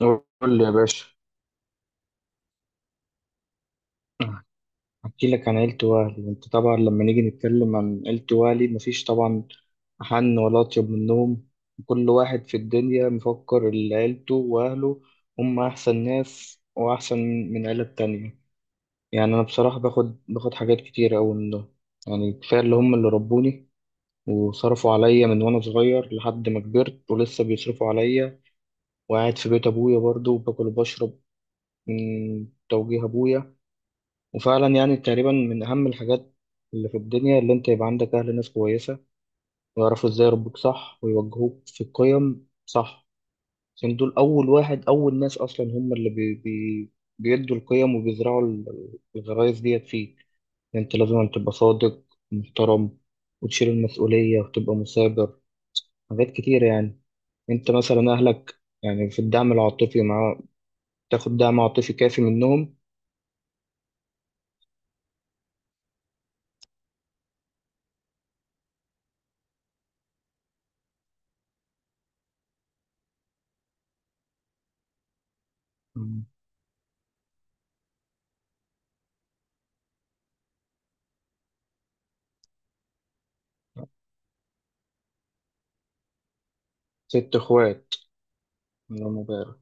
قول لي يا باشا. احكي لك عن عيلة والي، انت طبعا لما نيجي نتكلم عن عيلة والي مفيش طبعا أحن ولا أطيب منهم. كل واحد في الدنيا مفكر إن عيلته وأهله هم أحسن ناس وأحسن من عيلة تانية. يعني أنا بصراحة باخد حاجات كتير أوي منهم. يعني كفاية اللي هم اللي ربوني وصرفوا عليا من وأنا صغير لحد ما كبرت ولسه بيصرفوا عليا وقاعد في بيت أبويا برضه وباكل وبشرب من توجيه أبويا. وفعلا يعني تقريبا من أهم الحاجات اللي في الدنيا اللي أنت يبقى عندك أهل ناس كويسة ويعرفوا إزاي يربوك صح ويوجهوك في القيم صح. عشان دول أول واحد أول ناس أصلا هم اللي بي بي بيدوا القيم وبيزرعوا الغرايز ديت فيك. أنت لازم تبقى صادق، محترم، وتشيل المسؤولية وتبقى مثابر، حاجات كتيرة يعني. أنت مثلا أهلك، يعني في الدعم العاطفي، مع تاخد دعم عاطفي كافي منهم؟ مم. ست إخوات؟ الله مبارك.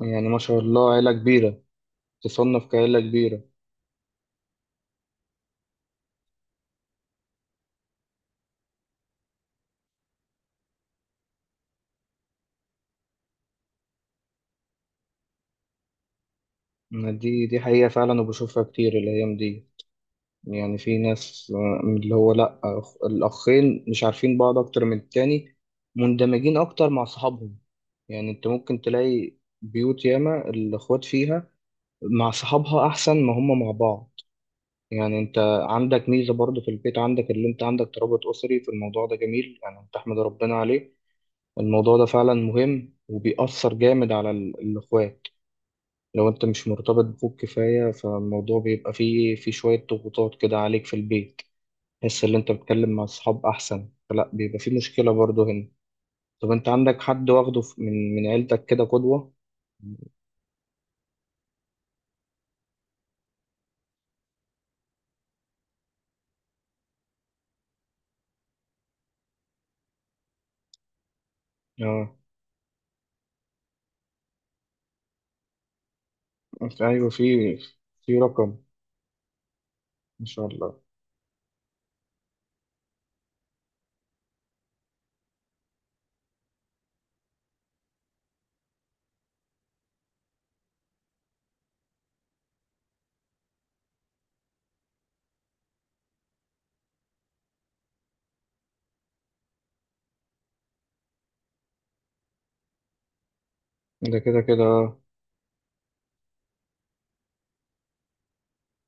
يعني ما شاء الله عيلة كبيرة، تصنف كعيلة كبيرة. ما دي حقيقة فعلا، وبشوفها كتير الأيام دي. يعني في ناس، اللي هو لأ، الأخين مش عارفين بعض أكتر من التاني، مندمجين أكتر مع صحابهم. يعني أنت ممكن تلاقي بيوت ياما الأخوات فيها مع صحابها أحسن ما هم مع بعض. يعني أنت عندك ميزة برضه في البيت، عندك اللي أنت عندك ترابط أسري في الموضوع ده، جميل يعني، تحمد ربنا عليه. الموضوع ده فعلا مهم وبيأثر جامد على الأخوات. لو انت مش مرتبط بأخوك كفاية فالموضوع بيبقى فيه شوية ضغوطات كده عليك في البيت، تحس ان انت بتتكلم مع اصحاب احسن، فلا بيبقى فيه مشكلة برضه هنا. طب انت عندك حد واخده من عيلتك كده قدوة؟ اه. ايوه، في رقم. ما شاء الله. ده كده كده، اه.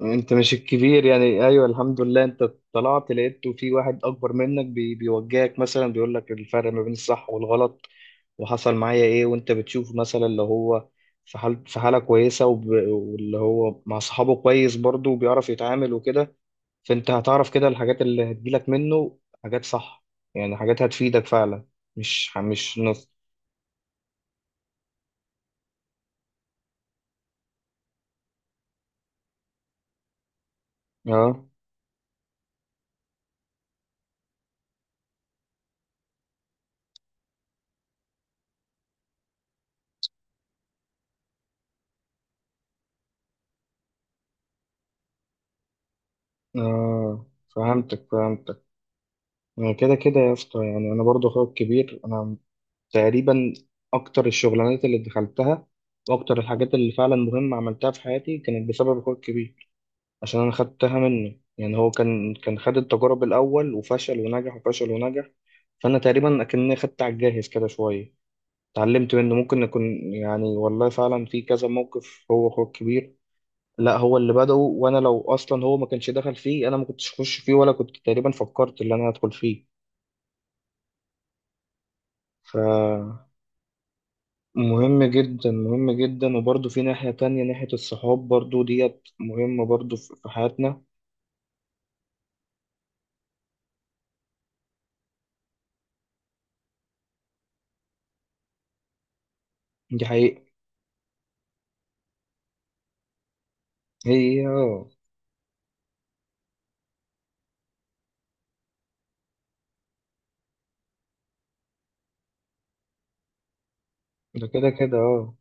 انت مش الكبير يعني، ايوه الحمد لله انت طلعت لقيت في واحد اكبر منك بيوجهك، مثلا بيقول لك الفرق ما بين الصح والغلط وحصل معايا ايه. وانت بتشوف مثلا اللي هو في حالة كويسة واللي هو مع صحابه كويس برضه وبيعرف يتعامل وكده. فانت هتعرف كده الحاجات اللي هتجيلك منه، حاجات صح، يعني حاجات هتفيدك فعلا. مش نص. اه، اه. فهمتك فهمتك. يعني كده كده يا اسطى، يعني انا برضه اخويا الكبير، انا تقريبا اكتر الشغلانات اللي دخلتها واكتر الحاجات اللي فعلا مهمة عملتها في حياتي كانت بسبب اخويا الكبير. عشان انا خدتها منه، يعني هو كان خد التجارب الاول وفشل ونجح وفشل ونجح، فانا تقريبا اكني خدت على الجاهز كده شويه. اتعلمت منه، ممكن نكون، يعني والله فعلا في كذا موقف هو اخوه الكبير، لا هو اللي بدأه، وانا لو اصلا هو ما كانش دخل فيه انا ما كنتش اخش فيه ولا كنت تقريبا فكرت ان انا هدخل فيه. فمهم جدا، مهم جدا. وبرضه في ناحية تانية، ناحية الصحاب برضه ديت مهمة برضه في حياتنا. دي حقيقة. هي اه. ده كده كده اه.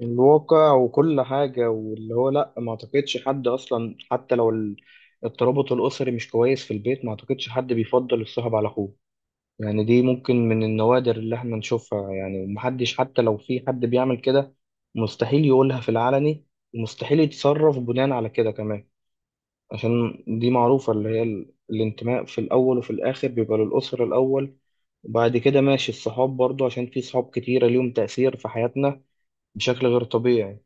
الواقع وكل حاجة، واللي هو لأ، ما أعتقدش حد أصلا، حتى لو الترابط الأسري مش كويس في البيت ما أعتقدش حد بيفضل الصاحب على أخوه. يعني دي ممكن من النوادر اللي إحنا نشوفها، يعني ومحدش، حتى لو في حد بيعمل كده مستحيل يقولها في العلني، ومستحيل يتصرف بناء على كده كمان. عشان دي معروفة، اللي هي الانتماء في الأول، وفي الآخر بيبقى للأسرة الأول، وبعد كده ماشي الصحاب برضو، عشان في صحاب كتيرة ليهم تأثير في حياتنا بشكل غير طبيعي.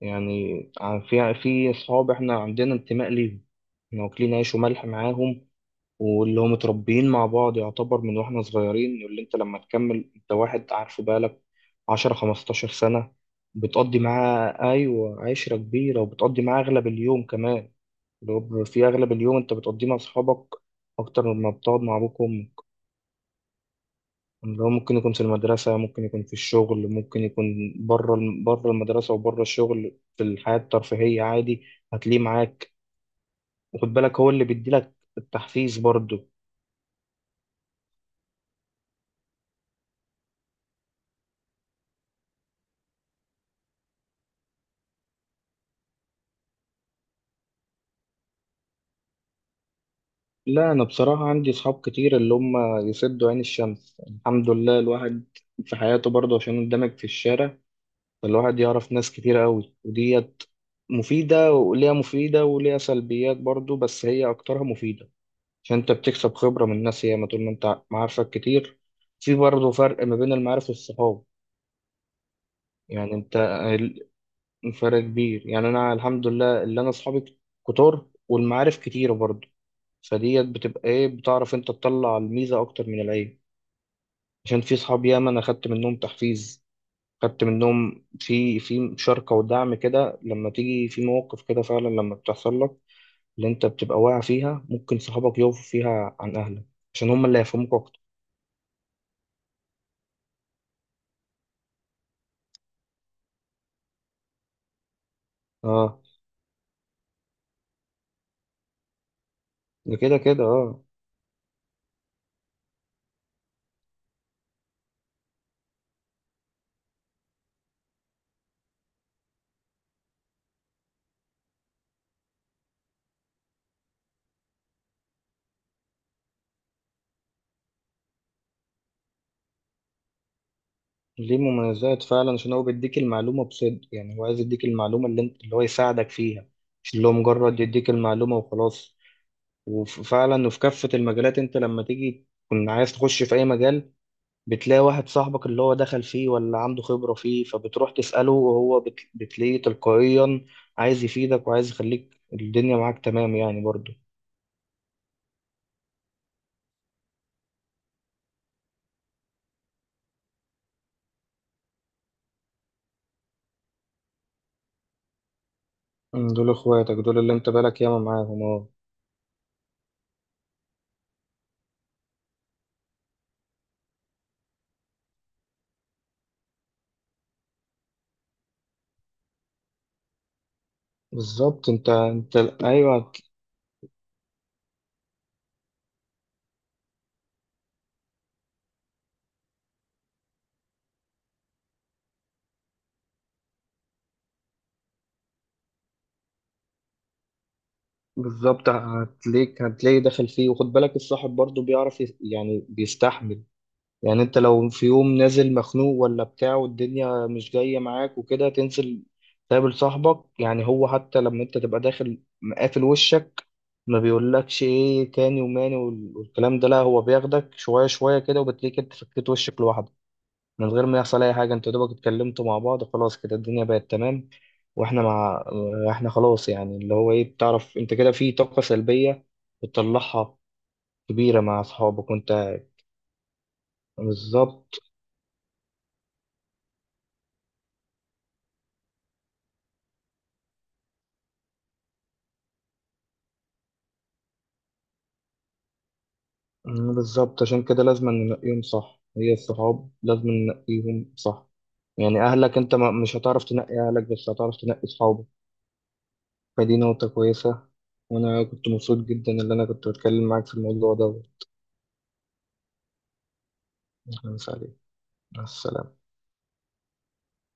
يعني في أصحاب إحنا عندنا انتماء ليهم، إحنا واكلين عيش وملح معاهم، واللي هم متربيين مع بعض يعتبر من وإحنا صغيرين، واللي أنت لما تكمل أنت واحد عارفه بقالك عشرة خمستاشر سنة، بتقضي معاه، أيوة، عشرة كبيرة وبتقضي معاه أغلب اليوم كمان. اللي هو في أغلب اليوم أنت بتقضيه مع أصحابك أكتر مما بتقعد مع أبوك وأمك. اللي هو ممكن يكون في المدرسة، ممكن يكون في الشغل، ممكن يكون بره المدرسة وبره الشغل في الحياة الترفيهية، عادي هتلاقيه معاك، وخد بالك هو اللي بيديلك التحفيز برضه. لا أنا بصراحة عندي أصحاب كتير اللي هم يسدوا عين الشمس، الحمد لله. الواحد في حياته برضه عشان اندمج في الشارع، فالواحد يعرف ناس كتير قوي، وديت مفيدة وليها سلبيات برضه، بس هي أكترها مفيدة. عشان انت بتكسب خبرة من ناس ياما طول ما انت معارفك كتير. في برضه فرق ما بين المعارف والصحاب. يعني انت فرق كبير، يعني انا الحمد لله اللي انا اصحابي كتار والمعارف كتيرة برضه. فديت بتبقى ايه، بتعرف انت تطلع الميزة اكتر من العيب. عشان في صحاب ياما انا خدت منهم تحفيز، خدت منهم في مشاركة ودعم كده لما تيجي في مواقف، كده فعلا لما بتحصل لك. اللي انت بتبقى واقع فيها ممكن صحابك يقفوا فيها عن اهلك، عشان هم اللي هيفهموك اكتر. اه. ده كده كده اه. ليه مميزات فعلا، عشان هو بيديك المعلومة بصدق، يعني هو عايز يديك المعلومة اللي انت اللي هو يساعدك فيها، مش اللي هو مجرد يديك المعلومة وخلاص. وفعلا، وفي كافة المجالات انت لما تيجي تكون عايز تخش في اي مجال بتلاقي واحد صاحبك اللي هو دخل فيه ولا عنده خبرة فيه، فبتروح تسأله، وهو بتلاقيه تلقائيا عايز يفيدك وعايز يخليك الدنيا معاك تمام يعني، برضه. مم، دول اخواتك، دول اللي انت بالك ياما معاهم، اه. بالظبط. انت ايوه، بالظبط. هتلاقي داخل فيه. وخد بالك الصاحب برضه بيعرف يعني بيستحمل. يعني انت لو في يوم نازل مخنوق ولا بتاع والدنيا مش جاية معاك وكده، تنزل تقابل صاحبك، يعني هو حتى لما انت تبقى داخل مقافل وشك ما بيقولكش ايه تاني وماني والكلام ده، لا هو بياخدك شوية شوية كده وبتلاقيك انت فكيت وشك لوحدك من غير ما يحصل اي حاجه، انتوا دوبك اتكلمتوا مع بعض خلاص كده الدنيا بقت تمام. واحنا مع احنا خلاص، يعني اللي هو ايه، بتعرف انت كده في طاقه سلبيه بتطلعها كبيره مع اصحابك وانت. بالظبط. مم، بالظبط، عشان كده لازم ننقيهم صح، هي الصحاب لازم ننقيهم صح. يعني اهلك انت مش هتعرف تنقي اهلك، بس هتعرف تنقي صحابك، فدي نقطه كويسه. وانا كنت مبسوط جدا ان انا كنت بتكلم معاك في الموضوع ده. أهلاً وسهلاً. مع السلامه.